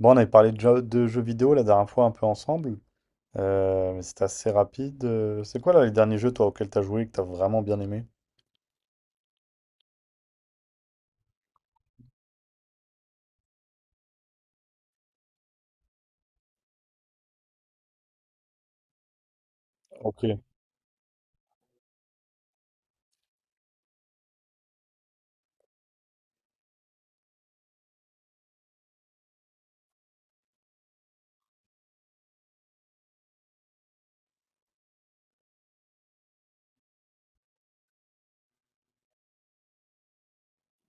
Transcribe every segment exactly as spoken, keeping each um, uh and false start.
Bon, on avait parlé de, jeux de jeux vidéo la dernière fois un peu ensemble, euh, mais c'était assez rapide. Euh, C'est quoi là les derniers jeux toi auxquels t'as joué que t'as vraiment bien aimé? Ok.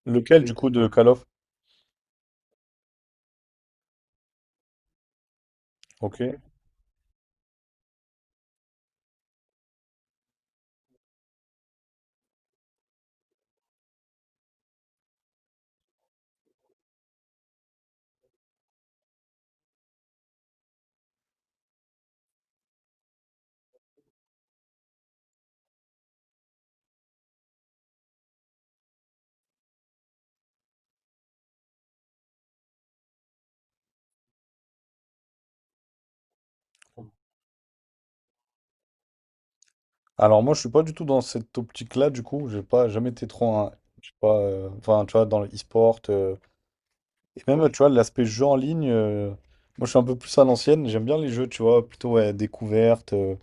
Lequel du coup de Call of? Ok. Alors moi je suis pas du tout dans cette optique-là du coup, j'ai pas jamais été trop un, je sais pas, euh, enfin tu vois dans le e-sport. euh, Et même, tu vois, l'aspect jeu en ligne, euh, moi je suis un peu plus à l'ancienne, j'aime bien les jeux, tu vois, plutôt ouais, découverte, euh,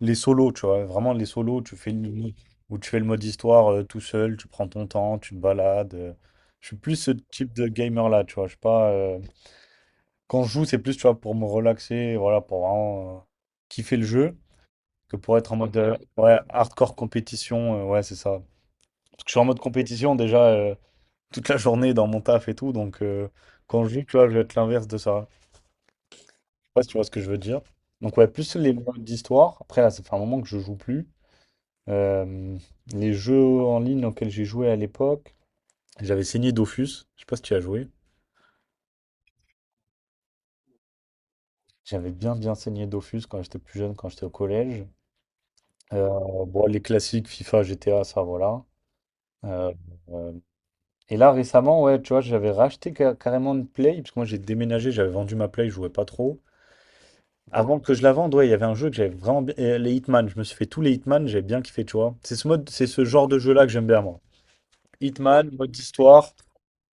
les solos, tu vois, vraiment les solos, tu fais le, où tu fais le mode histoire euh, tout seul, tu prends ton temps, tu te balades. euh. Je suis plus ce type de gamer là, tu vois, je suis pas. euh, quand je joue, c'est plus, tu vois, pour me relaxer, voilà, pour vraiment euh, kiffer le jeu, que pour être en mode euh, ouais, hardcore compétition, euh, ouais, c'est ça. Parce que je suis en mode compétition déjà euh, toute la journée dans mon taf et tout, donc euh, quand je joue, tu vois, je vais être l'inverse de ça. Sais pas si tu vois ce que je veux dire. Donc ouais, plus les modes d'histoire. Après, là, ça fait un moment que je joue plus. Euh, les jeux en ligne auxquels j'ai joué à l'époque, j'avais saigné Dofus. Je sais pas si tu as joué. J'avais bien bien saigné Dofus quand j'étais plus jeune, quand j'étais au collège. Euh, bon, les classiques FIFA, G T A, ça voilà. Euh, euh, et là récemment, ouais, tu vois, j'avais racheté ca- carrément une Play, parce que moi j'ai déménagé, j'avais vendu ma Play, je jouais pas trop. Avant que je la vende, ouais, il y avait un jeu que j'avais vraiment bien. euh, Les Hitman, je me suis fait tous les Hitman, j'ai bien kiffé, tu vois. C'est ce mode, c'est ce genre de jeu-là que j'aime bien, moi. Hitman, mode histoire.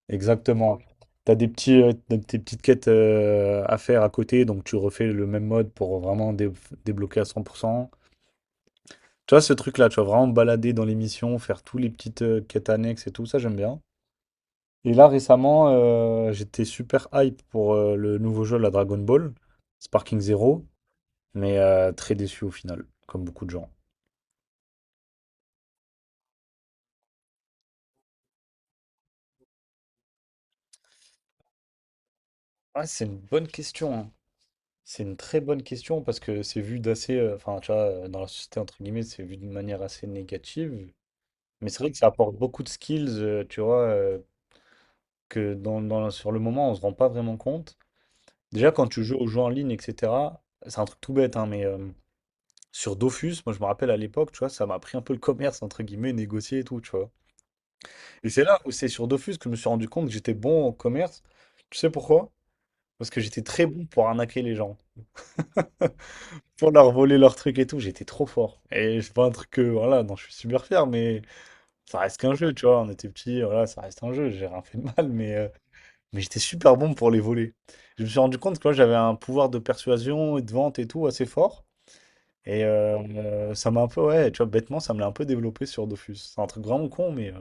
Exactement. T'as des petits, euh, des- des petites quêtes euh, à faire à côté, donc tu refais le même mode pour vraiment dé- débloquer à cent pour cent. Tu vois, ce truc-là, tu vas vraiment me balader dans les missions, faire tous les petites euh, quêtes annexes et tout, ça j'aime bien. Et là, récemment, euh, j'étais super hype pour euh, le nouveau jeu, la Dragon Ball, Sparking Zero. Mais euh, très déçu au final, comme beaucoup de gens. Ouais, c'est une bonne question, hein. C'est une très bonne question parce que c'est vu d'assez. euh, Enfin, tu vois, euh, dans la société, entre guillemets, c'est vu d'une manière assez négative. Mais c'est vrai que ça apporte beaucoup de skills, euh, tu vois, euh, que dans, dans- sur le moment, on se rend pas vraiment compte. Déjà, quand tu joues aux jeux en ligne, et cetera, c'est un truc tout bête, hein, mais euh, sur Dofus, moi, je me rappelle à l'époque, tu vois, ça m'a appris un peu le commerce, entre guillemets, négocier et tout, tu vois. Et c'est là où c'est sur Dofus que je me suis rendu compte que j'étais bon en commerce. Tu sais pourquoi? Parce que j'étais très bon pour arnaquer les gens. Pour leur voler leurs trucs et tout, j'étais trop fort. Et c'est pas un truc que, voilà, non, je suis super fier, mais ça reste qu'un jeu, tu vois. On était petits, voilà, ça reste un jeu, j'ai rien fait de mal, mais, euh, mais j'étais super bon pour les voler. Je me suis rendu compte que moi, j'avais un pouvoir de persuasion et de vente et tout assez fort. Et euh, euh, ça m'a un peu, ouais, tu vois, bêtement, ça me l'a un peu développé sur Dofus. C'est un truc vraiment con, mais euh,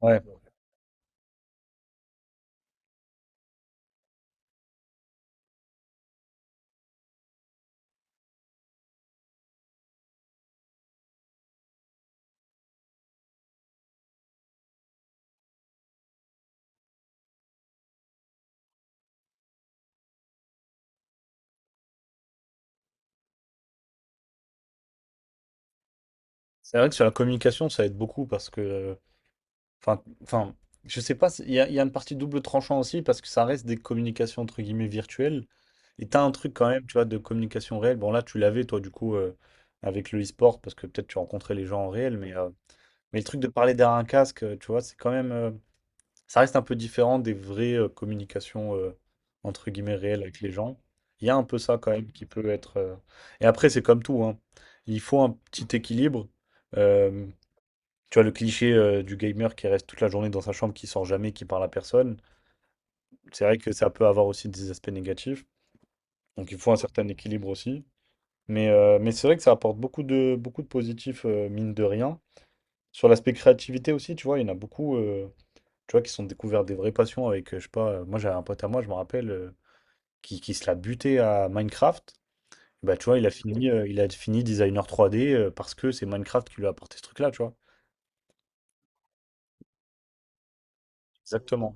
ouais. C'est vrai que sur la communication, ça aide beaucoup parce que euh, Enfin, enfin, je sais pas, il y a, il y a une partie double tranchant aussi parce que ça reste des communications entre guillemets virtuelles. Et t'as un truc quand même, tu vois, de communication réelle. Bon, là, tu l'avais, toi, du coup, euh, avec le e-sport parce que peut-être tu rencontrais les gens en réel, mais, euh, mais le truc de parler derrière un casque, euh, tu vois, c'est quand même. euh, ça reste un peu différent des vraies euh, communications euh, entre guillemets réelles avec les gens. Il y a un peu ça quand même qui peut être. euh, Et après, c'est comme tout, hein. Il faut un petit équilibre. Euh, Tu vois, le cliché euh, du gamer qui reste toute la journée dans sa chambre, qui sort jamais, qui parle à personne, c'est vrai que ça peut avoir aussi des aspects négatifs. Donc il faut un certain équilibre aussi. Mais, euh, mais c'est vrai que ça apporte beaucoup de, beaucoup de positifs, euh, mine de rien. Sur l'aspect créativité aussi, tu vois, il y en a beaucoup, euh, tu vois, qui se sont découverts des vraies passions avec, euh, je sais pas, euh, moi j'avais un pote à moi, je me rappelle, euh, qui, qui se l'a buté à Minecraft. Bah, tu vois, il a fini, euh, il a fini designer trois D euh, parce que c'est Minecraft qui lui a apporté ce truc-là, tu vois. Exactement,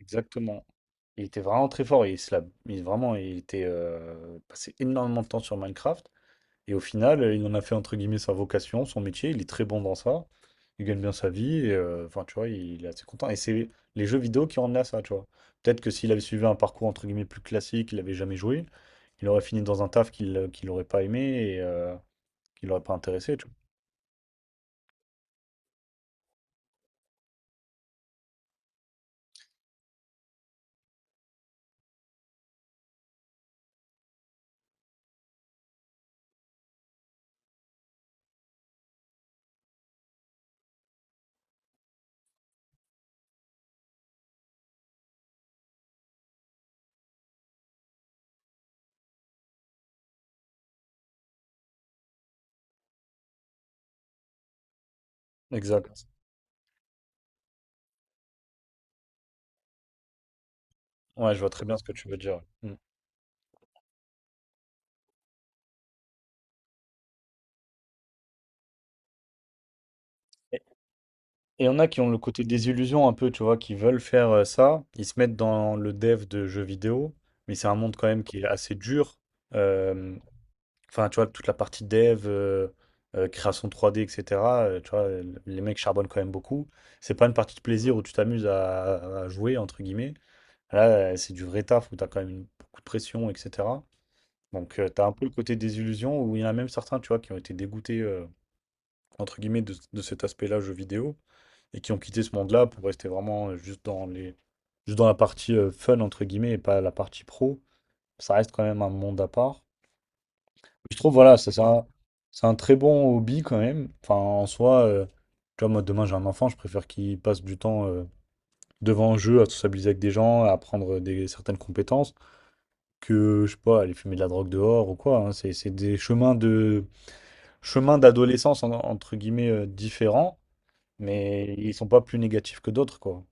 exactement. Il était vraiment très fort. Il, se la- il- vraiment, il était euh, passé énormément de temps sur Minecraft. Et au final, euh, il en a fait entre guillemets sa vocation, son métier. Il est très bon dans ça. Il gagne bien sa vie. et, euh, enfin, tu vois, il est assez content. Et c'est les jeux vidéo qui ont emmené à ça, tu vois. Peut-être que s'il avait suivi un parcours entre guillemets plus classique, il n'avait jamais joué, il aurait fini dans un taf qu'il euh, qu'il n'aurait pas aimé et euh, qui l'aurait pas intéressé, tu vois. Exact. Ouais, je vois très bien ce que tu veux dire. Mm. Et il y en a qui ont le côté désillusion un peu, tu vois, qui veulent faire euh, ça. Ils se mettent dans le dev de jeux vidéo, mais c'est un monde quand même qui est assez dur. Euh, Enfin, tu vois, toute la partie dev, euh, euh, création trois D, et cetera euh, tu vois, les mecs charbonnent quand même beaucoup. C'est pas une partie de plaisir où tu t'amuses à, à jouer, entre guillemets. Là, euh, c'est du vrai taf où t'as quand même une- beaucoup de pression, et cetera. Donc, tu t'as un peu le côté désillusion où il y en a même certains, tu vois, qui ont été dégoûtés, euh, entre guillemets, de, de cet aspect-là, jeux vidéo et qui ont quitté ce monde-là pour rester vraiment euh, juste dans les, juste dans la partie euh, fun, entre guillemets, et pas la partie pro. Ça reste quand même un monde à part. Je trouve, voilà, ça, c'est un, c'est un très bon hobby quand même. Enfin, en soi, euh, tu vois, moi, demain, j'ai un enfant, je préfère qu'il passe du temps euh, devant un jeu, à sociabiliser avec des gens, à apprendre des, certaines compétences, que, je sais pas, aller fumer de la drogue dehors ou quoi, hein. C'est, c'est des chemins de, chemins d'adolescence, en- entre guillemets, euh, différents, mais ils sont pas plus négatifs que d'autres, quoi.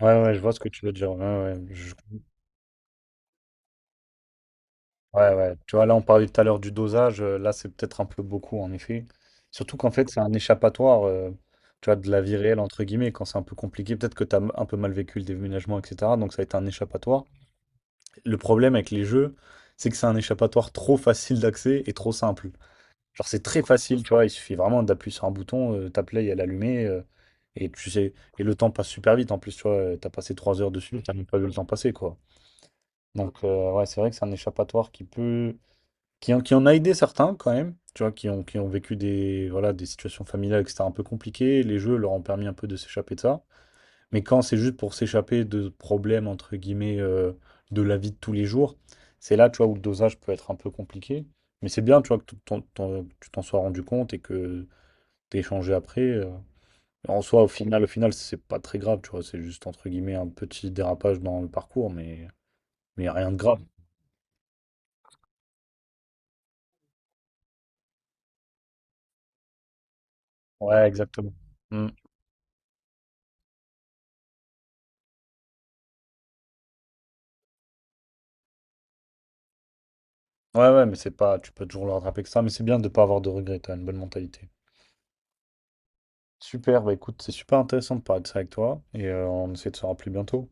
Ouais, ouais, je vois ce que tu veux dire. Ouais, ouais, je- ouais, ouais. Tu vois, là, on parlait tout à l'heure du dosage. euh, Là, c'est peut-être un peu beaucoup, en effet. Surtout qu'en fait, c'est un échappatoire, euh, tu vois, de la vie réelle, entre guillemets, quand c'est un peu compliqué. Peut-être que tu as un peu mal vécu le déménagement, et cetera. Donc, ça a été un échappatoire. Le problème avec les jeux, c'est que c'est un échappatoire trop facile d'accès et trop simple. Genre, c'est très facile, tu vois. Il suffit vraiment d'appuyer sur un bouton, euh, ta play, elle est allumée. euh, et tu sais, et le temps passe super vite. En plus, tu vois, euh, t'as passé trois heures dessus, t'as même pas vu le temps passer, quoi. Donc, euh, ouais, c'est vrai que c'est un échappatoire qui peut. Qui, en- qui en a aidé certains, quand même. Tu vois, qui ont, qui ont vécu des, voilà, des situations familiales, et cetera, un peu compliquées. Les jeux leur ont permis un peu de s'échapper de ça. Mais quand c'est juste pour s'échapper de problèmes, entre guillemets, euh, de la vie de tous les jours, c'est là, tu vois, où le dosage peut être un peu compliqué. Mais c'est bien, tu vois, que ton- ton- tu t'en sois rendu compte et que t'aies échangé après. euh. En soi, au final, au final, c'est pas très grave, tu vois, c'est juste, entre guillemets, un petit dérapage dans le parcours, mais, mais rien de grave. Ouais, exactement. Mm. Ouais, ouais, mais c'est pas, tu peux toujours le rattraper que ça, mais c'est bien de pas avoir de regrets, t'as une bonne mentalité. Super, bah écoute, c'est super intéressant de parler de ça avec toi, et euh, on essaie de se rappeler bientôt.